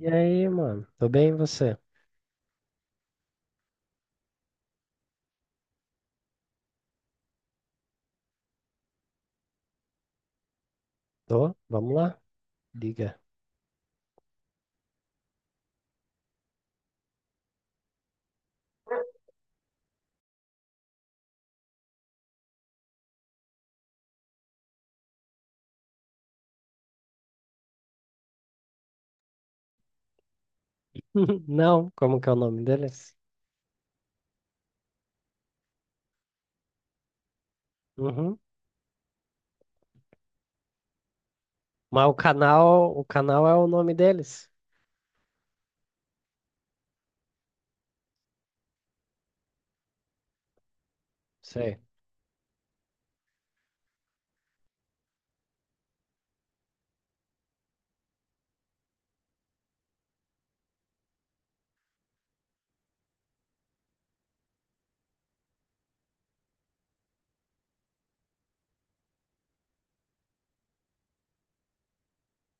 E aí, mano? Tô bem, e você? Tô? Vamos lá? Liga. Não, como que é o nome deles? Uhum. Mas o canal é o nome deles? Sei,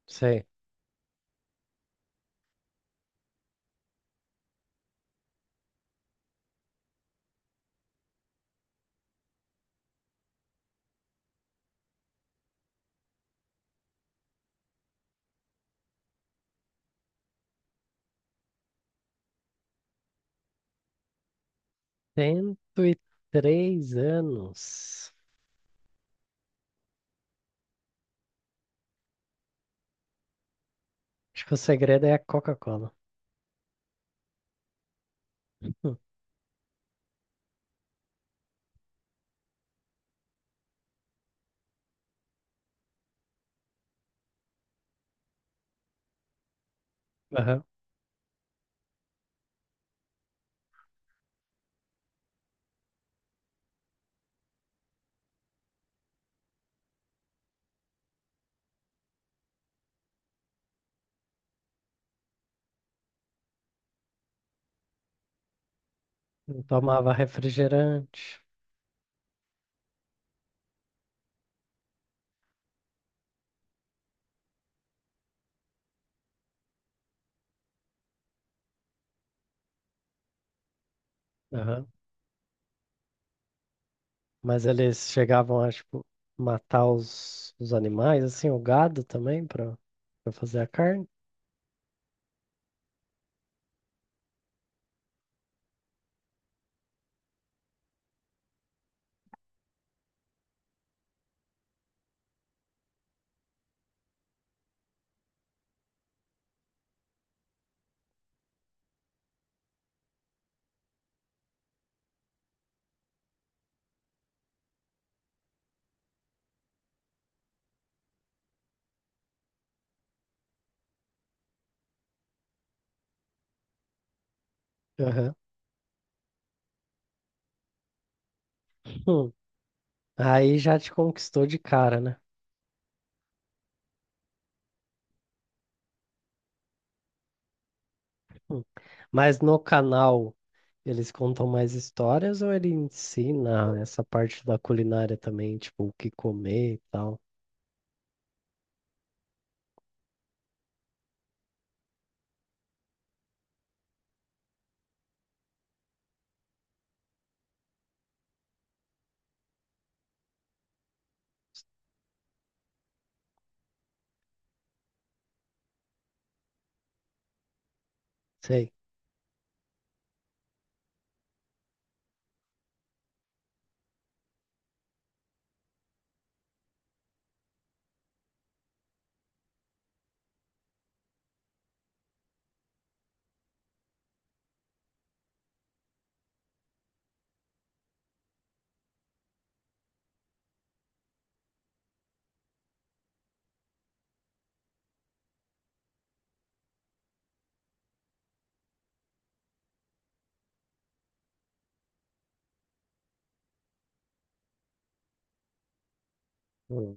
sei. 103 anos. Acho que o segredo é a Coca-Cola. Hum. Aham. Não tomava refrigerante. Aham. Mas eles chegavam a, tipo, matar os animais, assim, o gado também, pra, pra fazer a carne. Aham. Hum. Aí já te conquistou de cara, né? Hum. Mas no canal eles contam mais histórias ou ele ensina essa parte da culinária também, tipo, o que comer e tal? Sei. Hum.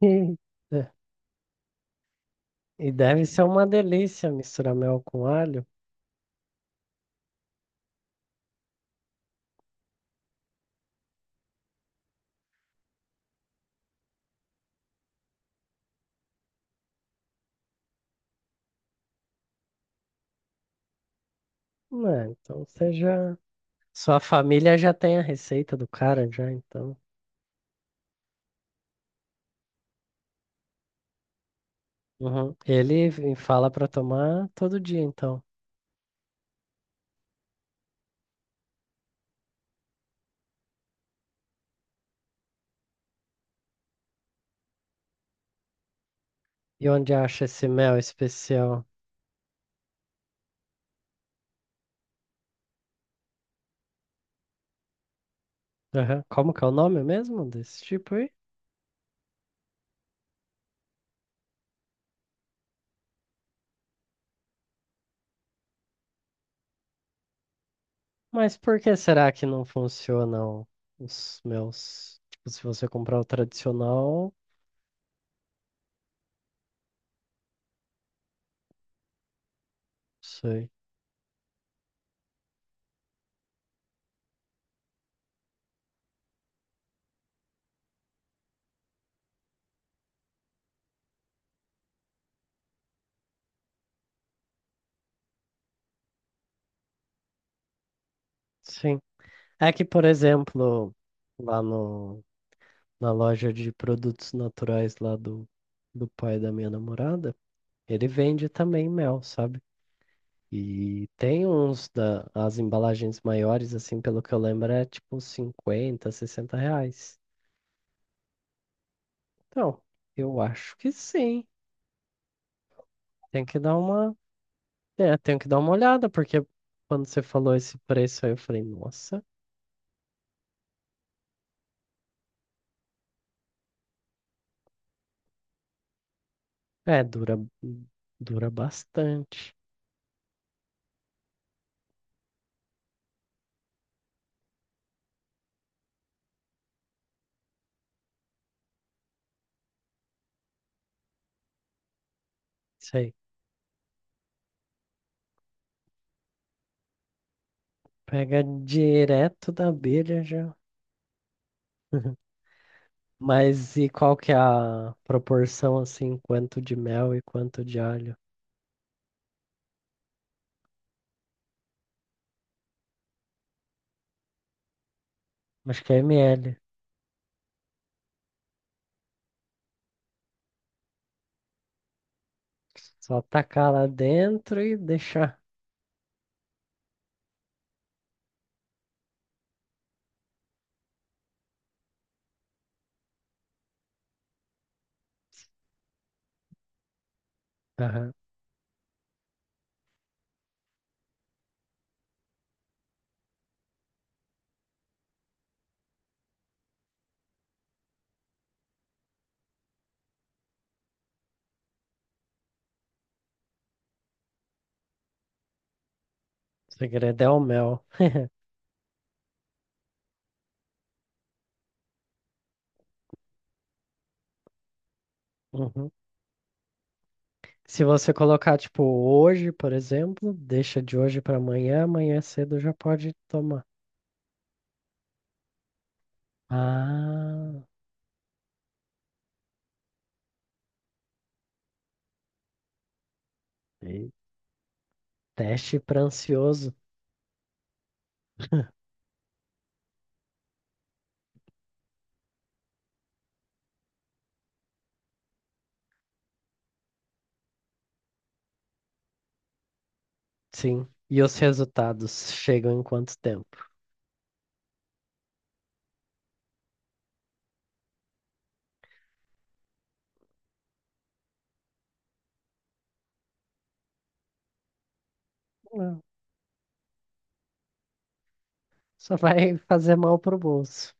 É. E deve ser uma delícia misturar mel com alho. Né? Então você já. Sua família já tem a receita do cara, já, então. Uhum. Fala pra tomar todo dia, então. E onde acha esse mel especial? Aham. Como que é o nome mesmo desse tipo aí? Mas por que será que não funcionam os meus? Tipo, se você comprar o tradicional, sei. Sim. É que, por exemplo, lá no, na loja de produtos naturais lá do pai da minha namorada, ele vende também mel, sabe? E tem uns da, as embalagens maiores, assim, pelo que eu lembro, é tipo 50, 60 reais. Então, eu acho que sim. Tem que dar uma, é, tenho que dar uma olhada, porque quando você falou esse preço aí, eu falei, nossa, é, dura, dura bastante. Isso aí pega direto da abelha já. Mas e qual que é a proporção, assim, quanto de mel e quanto de alho? Acho que é ml. Só tacar lá dentro e deixar. Aham. O segredo é o mel. Uhum. Se você colocar, tipo, hoje, por exemplo, deixa de hoje para amanhã, amanhã cedo já pode tomar. Ah, sei. Teste para ansioso. Sim. E os resultados chegam em quanto tempo? Não. Só vai fazer mal pro bolso.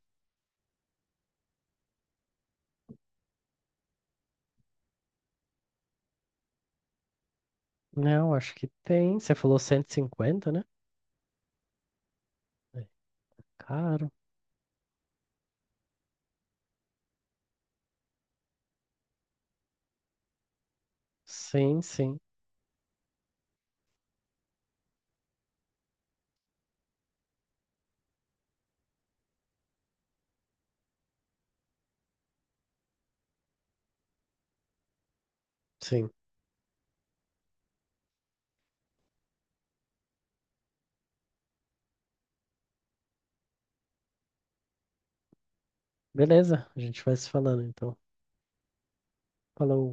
Não, acho que tem. Você falou 150, né? É caro. Sim, sim, sim. Beleza, a gente vai se falando então. Falou.